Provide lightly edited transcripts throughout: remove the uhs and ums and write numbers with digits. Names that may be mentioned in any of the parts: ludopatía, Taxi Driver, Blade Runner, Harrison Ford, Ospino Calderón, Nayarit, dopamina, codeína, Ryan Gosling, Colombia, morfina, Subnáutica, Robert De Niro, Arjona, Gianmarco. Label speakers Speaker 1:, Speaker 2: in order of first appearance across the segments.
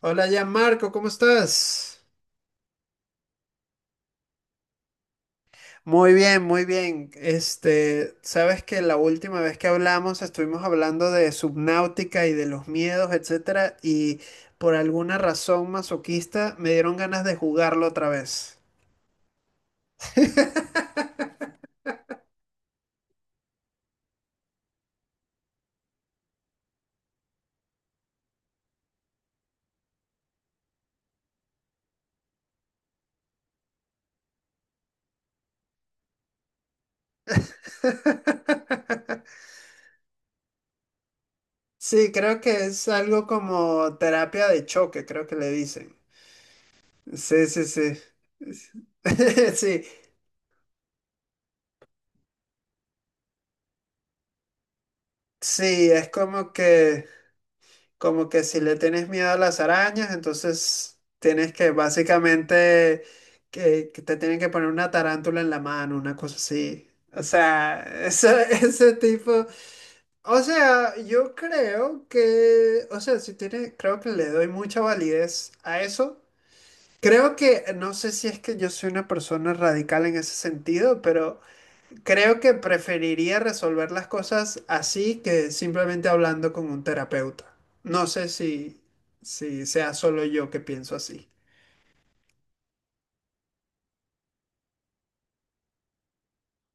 Speaker 1: Hola ya Marco, ¿cómo estás? Muy bien, muy bien. Sabes que la última vez que hablamos estuvimos hablando de Subnáutica y de los miedos, etcétera, y por alguna razón masoquista me dieron ganas de jugarlo otra vez. Sí, creo que es algo como terapia de choque, creo que le dicen. Sí, sí, sí. Sí, sí, es como que, como que si le tienes miedo a las arañas, entonces tienes que básicamente que te tienen que poner una tarántula en la mano, una cosa así. O sea, ese, ese tipo. O sea, yo creo que, o sea, si tiene, creo que le doy mucha validez a eso. Creo que, no sé si es que yo soy una persona radical en ese sentido, pero creo que preferiría resolver las cosas así que simplemente hablando con un terapeuta. No sé si, si sea solo yo que pienso así.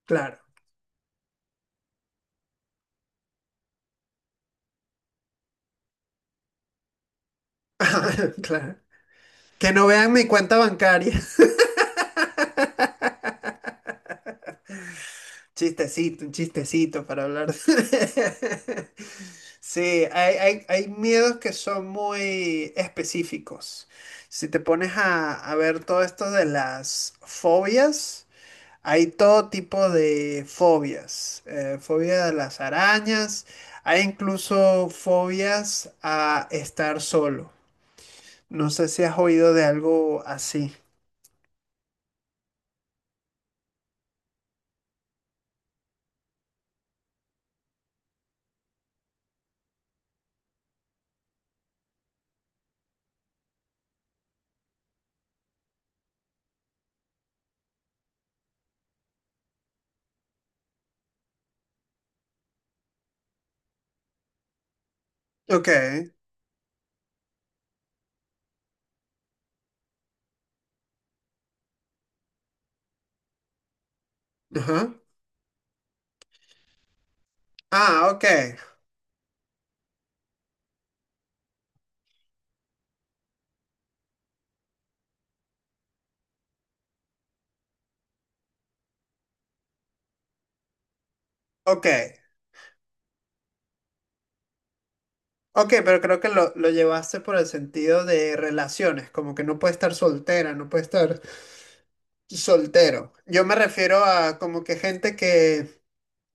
Speaker 1: Claro, claro. Que no vean mi cuenta bancaria. Chistecito, un chistecito para hablar. Sí, hay miedos que son muy específicos. Si te pones a ver todo esto de las fobias. Hay todo tipo de fobias, fobia a las arañas, hay incluso fobias a estar solo. No sé si has oído de algo así. Ok, ajá. Ah, ok, ok, ok, pero creo que lo llevaste por el sentido de relaciones, como que no puede estar soltera, no puede estar soltero. Yo me refiero a como que gente que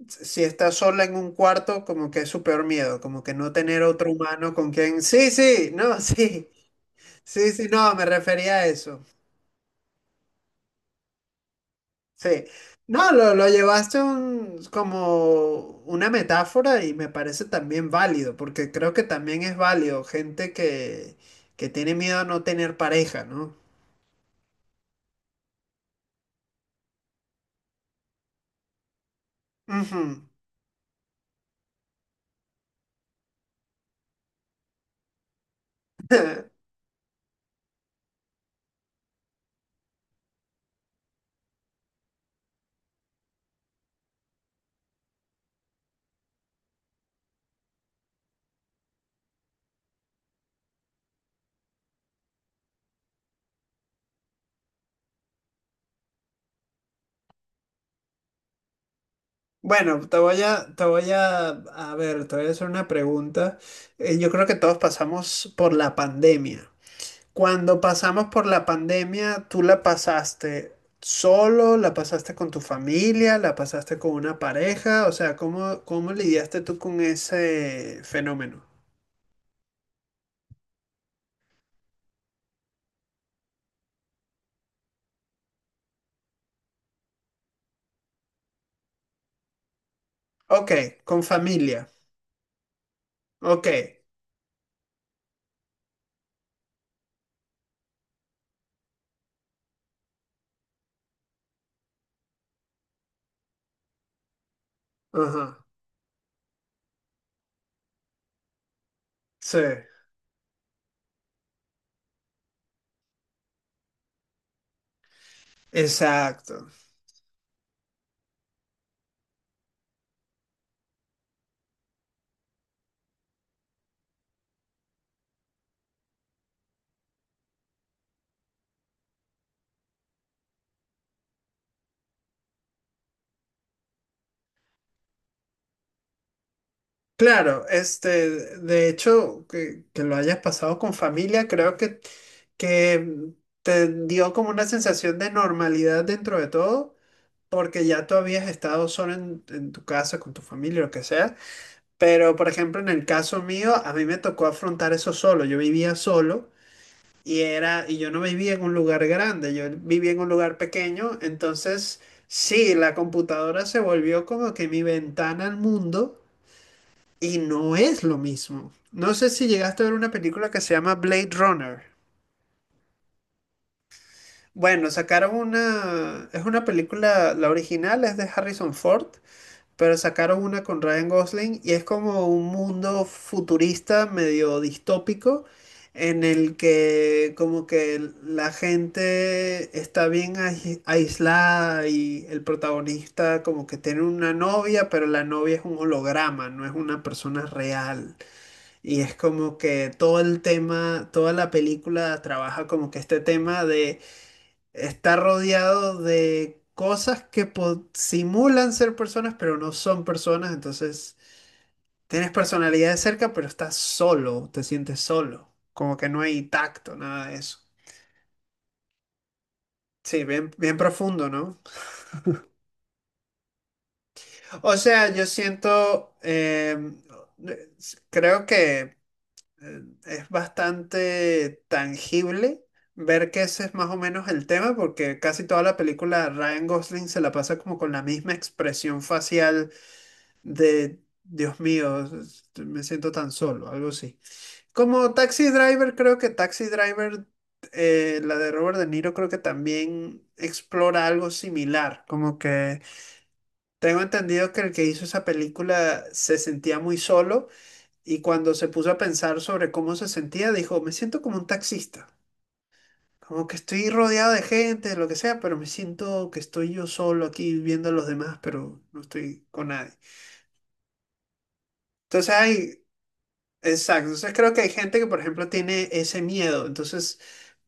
Speaker 1: si está sola en un cuarto, como que es su peor miedo, como que no tener otro humano con quien. Sí, sí, no, sí, sí, sí, no, me refería a eso. Sí. No, lo llevaste un- como una metáfora y me parece también válido, porque creo que también es válido gente que tiene miedo a no tener pareja, ¿no? Ujú. Bueno, te voy a, te voy a ver, te voy a hacer una pregunta. Yo creo que todos pasamos por la pandemia. Cuando pasamos por la pandemia, ¿tú la pasaste solo? ¿La pasaste con tu familia? ¿La pasaste con una pareja? O sea, ¿cómo, cómo lidiaste tú con ese fenómeno? Ok, con familia. Ok, ajá, sí, exacto. Claro, este, de hecho, que lo hayas pasado con familia, creo que te dio como una sensación de normalidad dentro de todo, porque ya tú habías estado solo en tu casa, con tu familia, lo que sea. Pero, por ejemplo, en el caso mío, a mí me tocó afrontar eso solo. Yo vivía solo y era, y yo no vivía en un lugar grande, yo vivía en un lugar pequeño. Entonces, sí, la computadora se volvió como que mi ventana al mundo y no es lo mismo. No sé si llegaste a ver una película que se llama Blade Runner. Bueno, sacaron una, es una película, la original es de Harrison Ford, pero sacaron una con Ryan Gosling y es como un mundo futurista medio distópico en el que como que la gente está bien ais- aislada y el protagonista como que tiene una novia, pero la novia es un holograma, no es una persona real. Y es como que todo el tema, toda la película trabaja como que este tema de está rodeado de cosas que po- simulan ser personas, pero no son personas. Entonces, tienes personalidad de cerca, pero estás solo, te sientes solo. Como que no hay tacto, nada de eso. Sí, bien, bien profundo, ¿no? O sea, yo siento, creo que es bastante tangible ver que ese es más o menos el tema, porque casi toda la película Ryan Gosling se la pasa como con la misma expresión facial de Dios mío, es- este, me siento tan solo, algo así. Como Taxi Driver, creo que Taxi Driver, la de Robert De Niro, creo que también explora algo similar. Como que tengo entendido que el que hizo esa película se sentía muy solo y cuando se puso a pensar sobre cómo se sentía, dijo, me siento como un taxista. Como que estoy rodeado de gente, lo que sea, pero me siento que estoy yo solo aquí viendo a los demás, pero no estoy con nadie. Entonces hay, exacto, entonces creo que hay gente que, por ejemplo, tiene ese miedo, entonces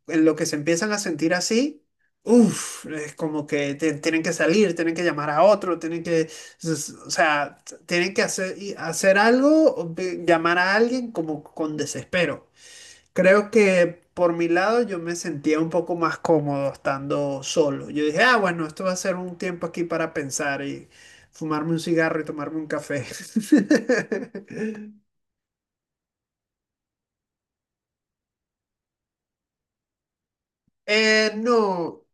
Speaker 1: en lo que se empiezan a sentir así, uff, es como que te- tienen que salir, tienen que llamar a otro, tienen que, s- o sea, t- tienen que hacer, y hacer algo, o ve- llamar a alguien como con desespero. Creo que por mi lado yo me sentía un poco más cómodo estando solo. Yo dije, ah, bueno, esto va a ser un tiempo aquí para pensar y fumarme un cigarro y tomarme un café. No.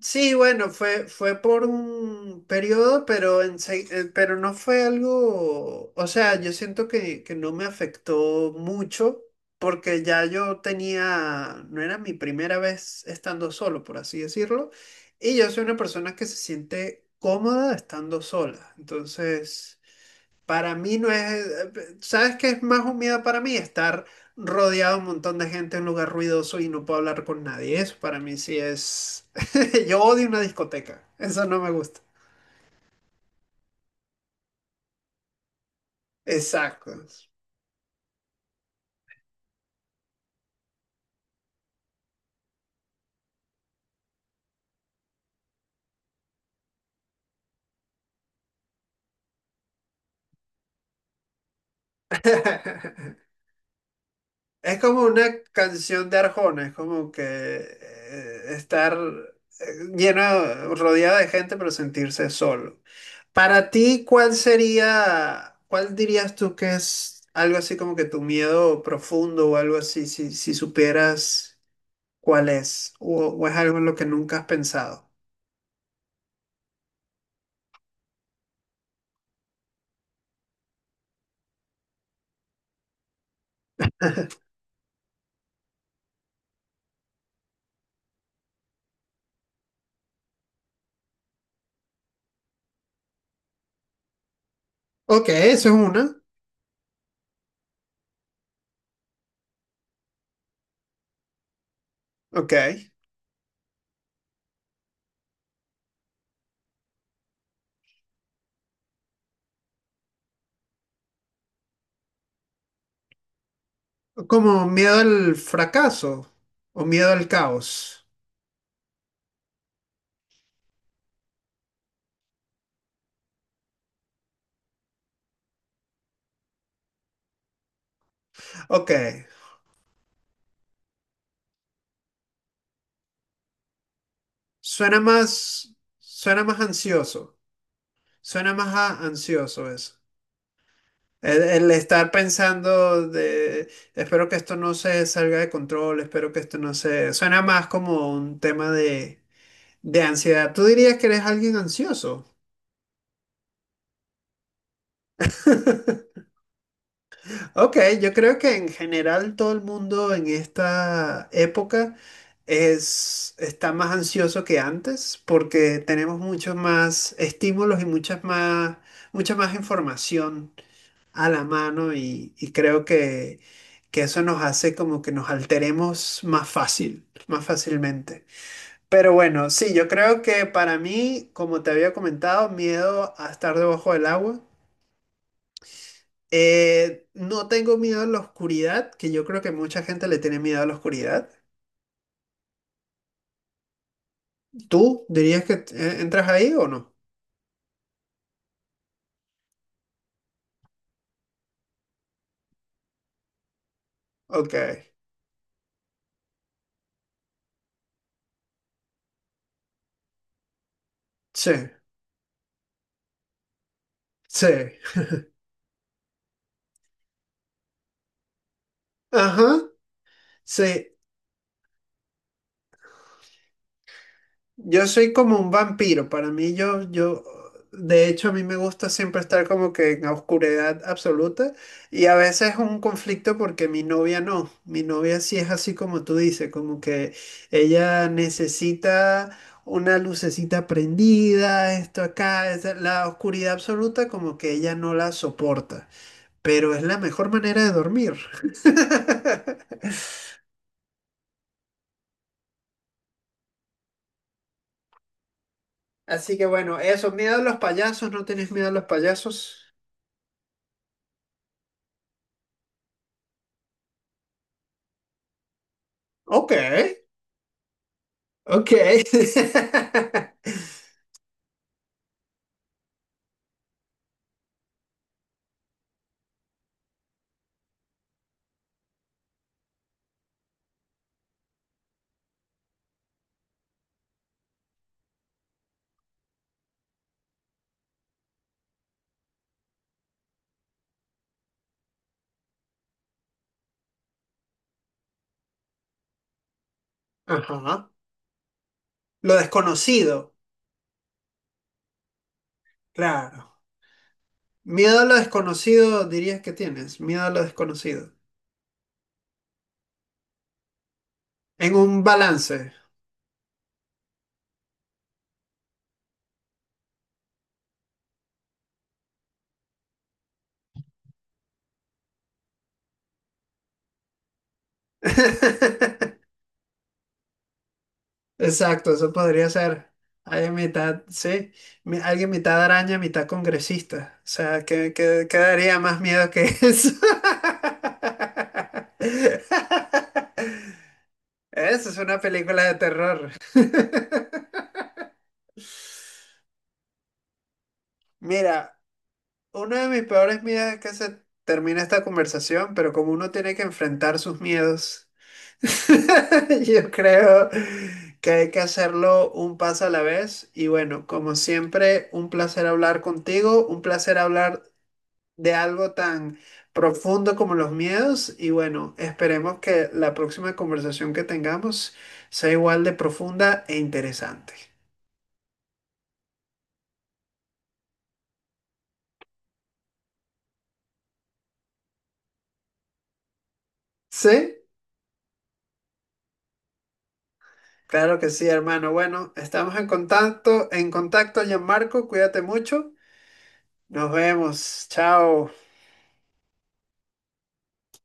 Speaker 1: Sí, bueno, fue, fue por un periodo, pero, ense- pero no fue algo, o sea, yo siento que no me afectó mucho porque ya yo tenía, no era mi primera vez estando solo, por así decirlo, y yo soy una persona que se siente cómoda estando sola, entonces... Para mí no es, ¿sabes qué es más humillado para mí? Estar rodeado de un montón de gente en un lugar ruidoso y no puedo hablar con nadie. Eso para mí sí es... Yo odio una discoteca. Eso no me gusta. Exacto. Es como una canción de Arjona, es como que estar eh, lleno, rodeado de gente, pero sentirse solo. Para ti, ¿cuál sería, cuál dirías tú que es algo así como que tu miedo profundo o algo así, si, si supieras cuál es, o es algo en lo que nunca has pensado? Ok, eso es una. Ok. Como miedo al fracaso o miedo al caos. Ok. Suena más ansioso, suena más a- ansioso eso. El estar pensando de, espero que esto no se salga de control, espero que esto no se... Suena más como un tema de ansiedad. ¿Tú dirías que eres alguien ansioso? Ok, yo creo que en general todo el mundo en esta época es, está más ansioso que antes porque tenemos muchos más estímulos y muchas más, mucha más información a la mano y creo que eso nos hace como que nos alteremos más fácil, más fácilmente. Pero bueno, sí, yo creo que para mí, como te había comentado, miedo a estar debajo del agua. No tengo miedo a la oscuridad, que yo creo que mucha gente le tiene miedo a la oscuridad. ¿Tú dirías que entras ahí o no? Ok, sí, sí. Ajá, sí. Yo soy como un vampiro, para mí yo, yo, de hecho a mí me gusta siempre estar como que en la oscuridad absoluta y a veces es un conflicto porque mi novia no, mi novia sí es así como tú dices, como que ella necesita una lucecita prendida, esto acá, es la oscuridad absoluta como que ella no la soporta, pero es la mejor manera de dormir. Así que bueno, eso, miedo a los payasos, ¿no tienes miedo a los payasos? Ok. Ok. Ajá. Lo desconocido, claro. Miedo a lo desconocido dirías que tienes, miedo a lo desconocido. En un balance. Exacto, eso podría ser. Hay mitad, sí, mi- alguien mitad araña, mitad congresista. O sea, ¿qué, qué- qué daría más miedo que eso? Esa es una película de terror. Mira. Uno de mis peores miedos es que se termine esta conversación, pero como uno tiene que enfrentar sus miedos, yo creo que hay que hacerlo un paso a la vez. Y bueno, como siempre, un placer hablar contigo, un placer hablar de algo tan profundo como los miedos. Y bueno, esperemos que la próxima conversación que tengamos sea igual de profunda e interesante. ¿Sí? Claro que sí, hermano. Bueno, estamos en contacto, Gianmarco. Cuídate mucho. Nos vemos. Chao.